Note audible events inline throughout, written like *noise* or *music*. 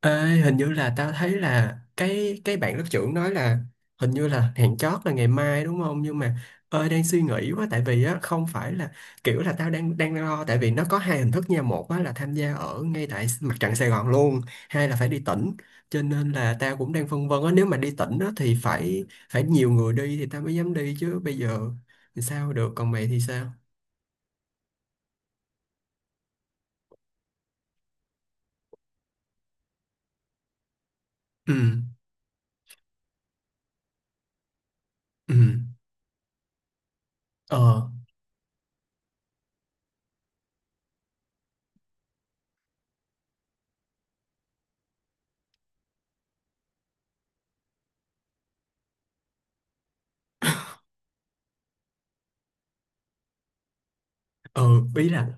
Ê, hình như là tao thấy là cái bạn lớp trưởng nói là hình như là hẹn chót là ngày mai đúng không? Nhưng mà ơi đang suy nghĩ quá tại vì á không phải là kiểu là tao đang đang lo tại vì nó có hai hình thức nha, một á là tham gia ở ngay tại mặt trận Sài Gòn luôn, hai là phải đi tỉnh. Cho nên là tao cũng đang phân vân á, nếu mà đi tỉnh á thì phải phải nhiều người đi thì tao mới dám đi chứ bây giờ thì sao được, còn mày thì sao? Ừ, ừ. Ờ, ừ, ý là.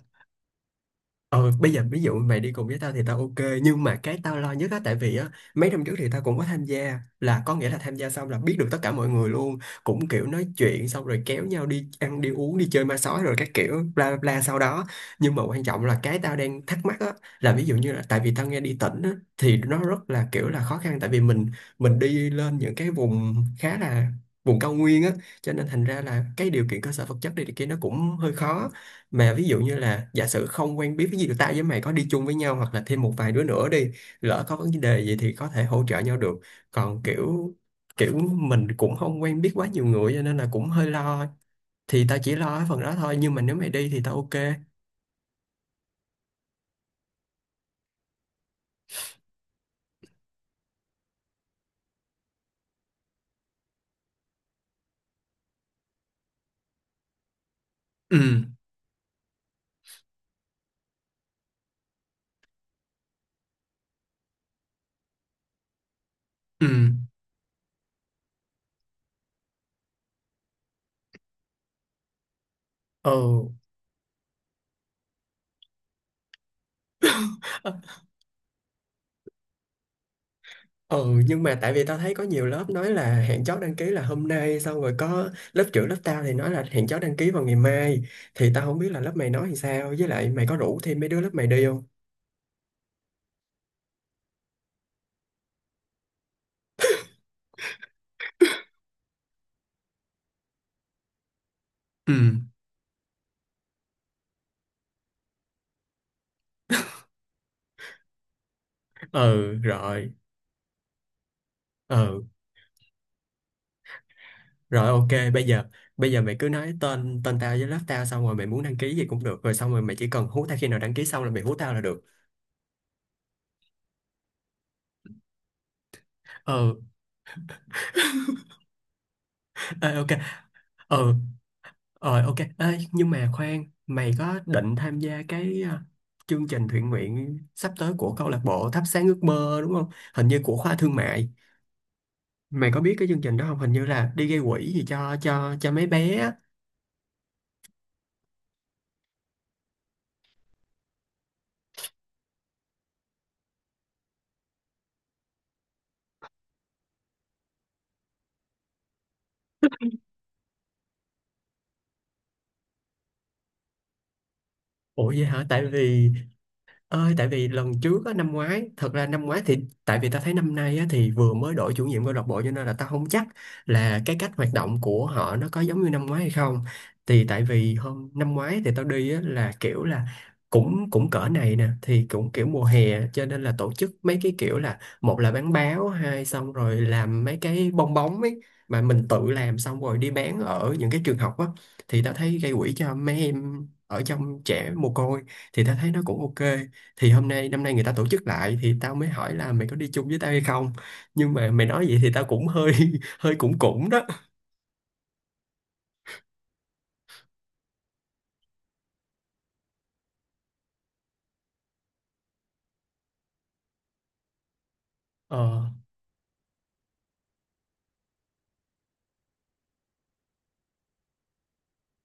Ờ, bây giờ ví dụ mày đi cùng với tao thì tao ok, nhưng mà cái tao lo nhất á tại vì á mấy năm trước thì tao cũng có tham gia, là có nghĩa là tham gia xong là biết được tất cả mọi người luôn, cũng kiểu nói chuyện xong rồi kéo nhau đi ăn đi uống đi chơi ma sói rồi các kiểu bla bla bla sau đó. Nhưng mà quan trọng là cái tao đang thắc mắc á là ví dụ như là tại vì tao nghe đi tỉnh á thì nó rất là kiểu là khó khăn, tại vì mình đi lên những cái vùng khá là vùng cao nguyên á, cho nên thành ra là cái điều kiện cơ sở vật chất đi thì kia nó cũng hơi khó. Mà ví dụ như là giả sử không quen biết, ví dụ tao với mày có đi chung với nhau hoặc là thêm một vài đứa nữa đi, lỡ có vấn đề gì thì có thể hỗ trợ nhau được. Còn kiểu kiểu mình cũng không quen biết quá nhiều người cho nên là cũng hơi lo, thì tao chỉ lo cái phần đó thôi, nhưng mà nếu mày đi thì tao ok. Ừ. Ừ. Ừ. *laughs* Ừ, nhưng mà tại vì tao thấy có nhiều lớp nói là hẹn chót đăng ký là hôm nay, xong rồi có lớp trưởng lớp tao thì nói là hẹn chót đăng ký vào ngày mai, thì tao không biết là lớp mày nói thì sao, với lại mày có rủ thêm mấy đứa lớp mày đi không? Ừ. Ừ rồi. Ừ rồi ok. Bây giờ bây giờ mày cứ nói tên tên tao với lớp tao, xong rồi mày muốn đăng ký gì cũng được, rồi xong rồi mày chỉ cần hú tao khi nào đăng ký xong là mày hú tao là được. Ừ. Ê, ok. Ừ. Rồi ok. Ê, nhưng mà khoan, mày có định tham gia cái à, chương trình thiện nguyện sắp tới của câu lạc bộ Thắp Sáng Ước Mơ đúng không? Hình như của khoa thương mại. Mày có biết cái chương trình đó không? Hình như là đi gây quỹ gì cho mấy bé á. Ủa vậy hả? Tại vì ơi, tại vì lần trước á, năm ngoái, thật ra năm ngoái thì tại vì ta thấy năm nay á, thì vừa mới đổi chủ nhiệm câu lạc bộ cho nên là ta không chắc là cái cách hoạt động của họ nó có giống như năm ngoái hay không. Thì tại vì hôm năm ngoái thì tao đi á, là kiểu là cũng cũng cỡ này nè thì cũng kiểu mùa hè cho nên là tổ chức mấy cái kiểu là một là bán báo, hai xong rồi làm mấy cái bong bóng ấy mà mình tự làm xong rồi đi bán ở những cái trường học á, thì ta thấy gây quỹ cho mấy em ở trong trẻ mồ côi thì ta thấy nó cũng ok. Thì hôm nay năm nay người ta tổ chức lại thì tao mới hỏi là mày có đi chung với tao hay không, nhưng mà mày nói vậy thì tao cũng hơi *laughs* hơi cũng cũng đó. Ờ.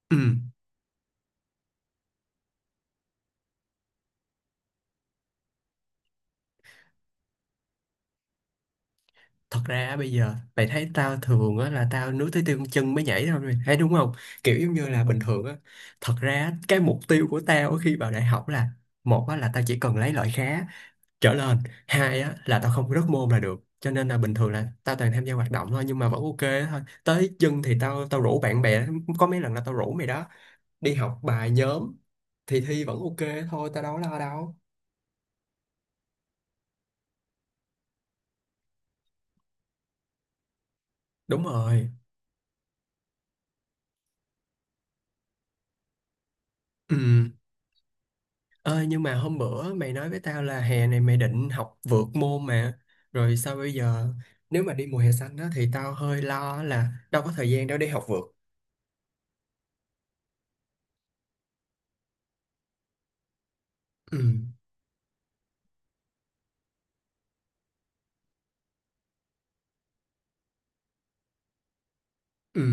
Ừ. Thật ra á, bây giờ mày thấy tao thường á là tao nuối tới tiêu chân mới nhảy thôi, mày thấy đúng không? Kiểu giống như là bình thường á. Thật ra á, cái mục tiêu của tao khi vào đại học là một á là tao chỉ cần lấy loại khá trở lên, hai á là tao không rớt môn là được, cho nên là bình thường là tao toàn tham gia hoạt động thôi, nhưng mà vẫn ok thôi. Tới chân thì tao tao rủ bạn bè, có mấy lần là tao rủ mày đó đi học bài nhóm thì thi vẫn ok thôi, tao đâu có lo đâu. Đúng rồi. Ừ. Ơi nhưng mà hôm bữa mày nói với tao là hè này mày định học vượt môn mà, rồi sao bây giờ, nếu mà đi mùa hè xanh đó thì tao hơi lo là đâu có thời gian đâu để học vượt. Ừ. Ừ.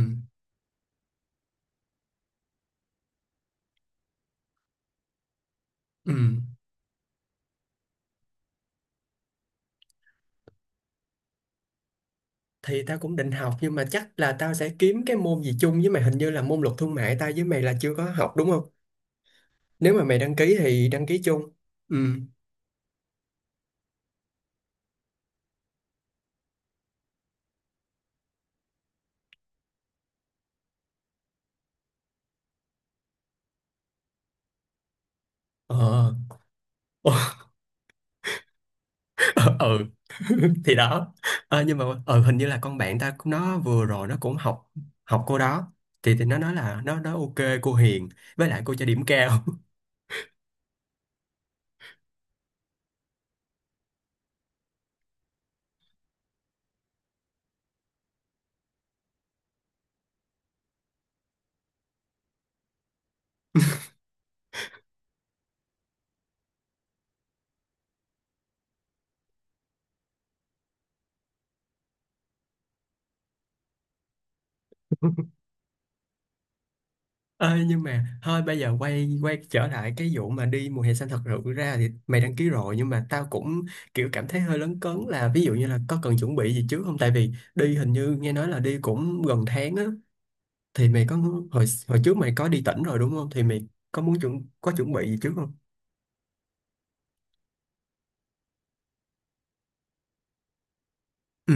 Ừ. Thì tao cũng định học nhưng mà chắc là tao sẽ kiếm cái môn gì chung với mày, hình như là môn luật thương mại tao với mày là chưa có học đúng không? Nếu mà mày đăng ký thì đăng ký chung. Ừ. Ờ. *laughs* *laughs* Ừ. *laughs* Thì đó. Ờ, nhưng mà ờ, hình như là con bạn ta cũng- nó vừa rồi nó cũng học, học cô đó, thì nó nói là nó ok, cô hiền, với lại cô cho điểm cao. *laughs* Ê, nhưng mà thôi bây giờ quay quay trở lại cái vụ mà đi mùa hè xanh, thật sự ra thì mày đăng ký rồi nhưng mà tao cũng kiểu cảm thấy hơi lấn cấn là ví dụ như là có cần chuẩn bị gì trước không, tại vì đi hình như nghe nói là đi cũng gần tháng á, thì mày có hồi hồi trước mày có đi tỉnh rồi đúng không, thì mày có muốn có chuẩn bị gì trước không? Ừ.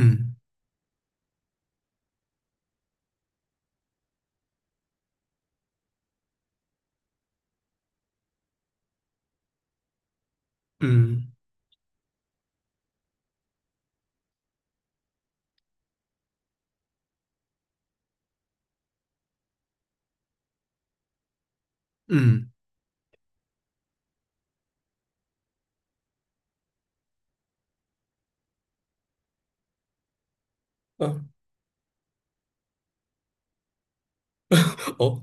Ừ. Ừ. Ơ, ủa.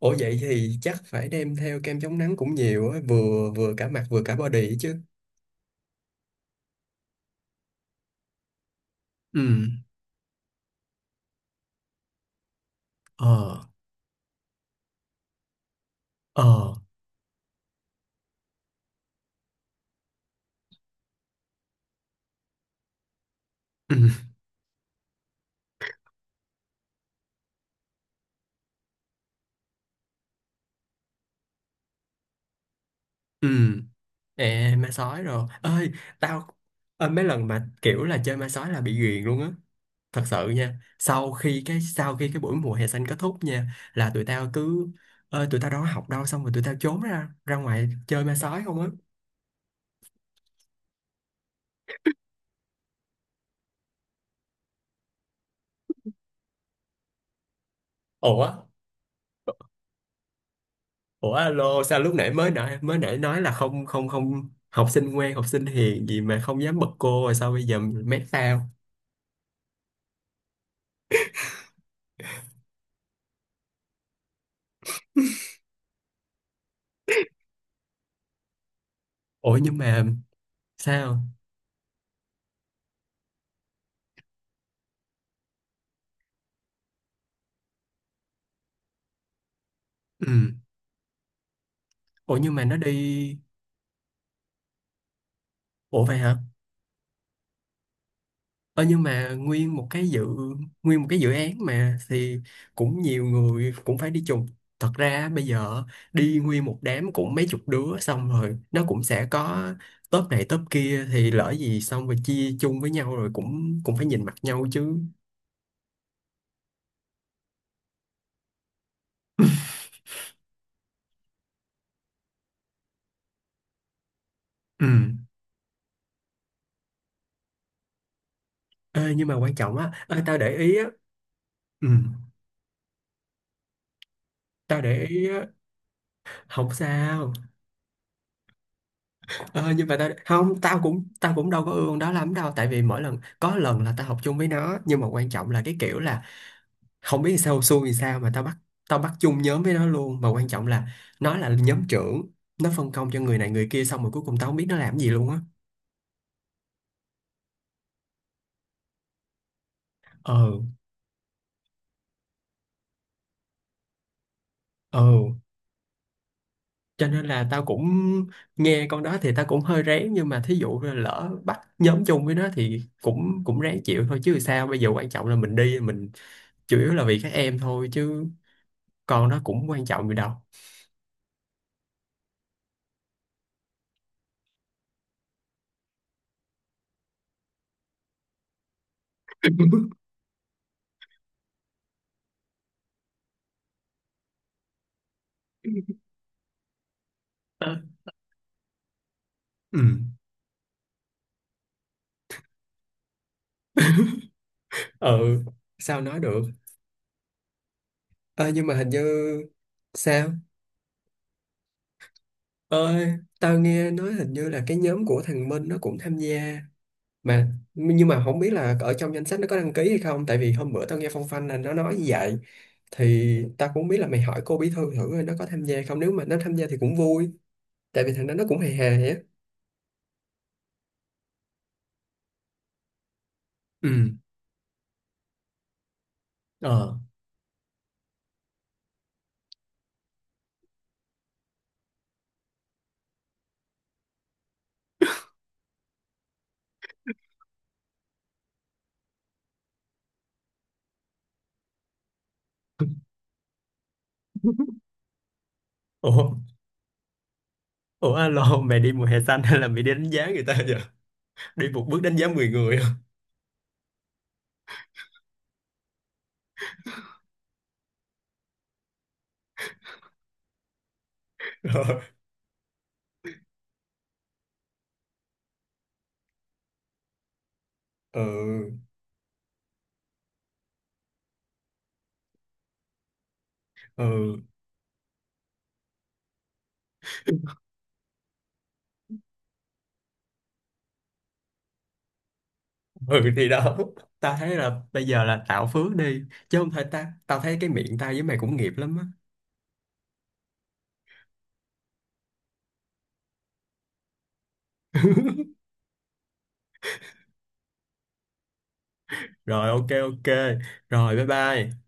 Ủa vậy thì chắc phải đem theo kem chống nắng cũng nhiều á, vừa vừa cả mặt vừa cả body chứ. Ừ. Ờ. Ờ. Ừ. Ừ. Ê, ma sói rồi ơi. Tao ơi, mấy lần mà kiểu là chơi ma sói là bị ghiền luôn á, thật sự nha. Sau khi cái sau khi cái buổi mùa hè xanh kết thúc nha là tụi tao cứ ơi tụi tao đâu có học đâu, xong rồi tụi tao trốn ra ra ngoài chơi ma sói không á. Ủa. Ủa alo, sao lúc nãy mới nãy nói là không không không học sinh ngoan học sinh hiền gì mà không dám bật cô, rồi sao bây giờ mét tao? Ủa nhưng mà sao. Ừ. Ủa nhưng mà nó đi. Ủa vậy hả. Ơ nhưng mà nguyên một cái dự án mà thì cũng nhiều người cũng phải đi chung. Thật ra bây giờ đi nguyên một đám cũng mấy chục đứa, xong rồi nó cũng sẽ có top này top kia thì lỡ gì xong rồi chia chung với nhau rồi cũng cũng phải nhìn mặt nhau chứ. Ừ. Ê, nhưng mà quan trọng á, ê, tao để ý á. Ừ, tao để ý á. Không sao. Ờ, nhưng mà tao không, tao cũng đâu có ương đó lắm đâu, tại vì mỗi lần có lần là tao học chung với nó nhưng mà quan trọng là cái kiểu là không biết sao xui thì sao mà tao bắt chung nhóm với nó luôn, mà quan trọng là nó là nhóm trưởng, nó phân công cho người này người kia xong rồi cuối cùng tao không biết nó làm gì luôn á. Ờ. Ờ. Cho nên là tao cũng nghe con đó thì tao cũng hơi rén, nhưng mà thí dụ là lỡ bắt nhóm chung với nó thì cũng cũng ráng chịu thôi chứ sao bây giờ, quan trọng là mình đi mình chủ yếu là vì các em thôi chứ con nó cũng quan trọng gì đâu. Ờ. Ừ. Ừ. Sao nói được. Ờ, nhưng mà hình như. Sao? Ơi tao nghe nói hình như là cái nhóm của thằng Minh nó cũng tham gia mà, nhưng mà không biết là ở trong danh sách nó có đăng ký hay không, tại vì hôm bữa tao nghe phong phanh là nó nói như vậy, thì tao cũng không biết, là mày hỏi cô bí thư thử coi nó có tham gia không, nếu mà nó tham gia thì cũng vui, tại vì thằng đó nó cũng hề hề á. Ừ. Ờ. *laughs* Ủa. Ủa alo, mày đi mùa hè xanh hay là mày đi đánh giá người ta vậy, đi một bước đánh giá 10 người *laughs* hả? Rồi. Ừ. Ừ. Ừ thì đó, tao thấy là bây giờ là tạo phước đi chứ không phải ta, tao thấy cái miệng tao với mày cũng nghiệp lắm á. Rồi ok ok. Rồi bye bye.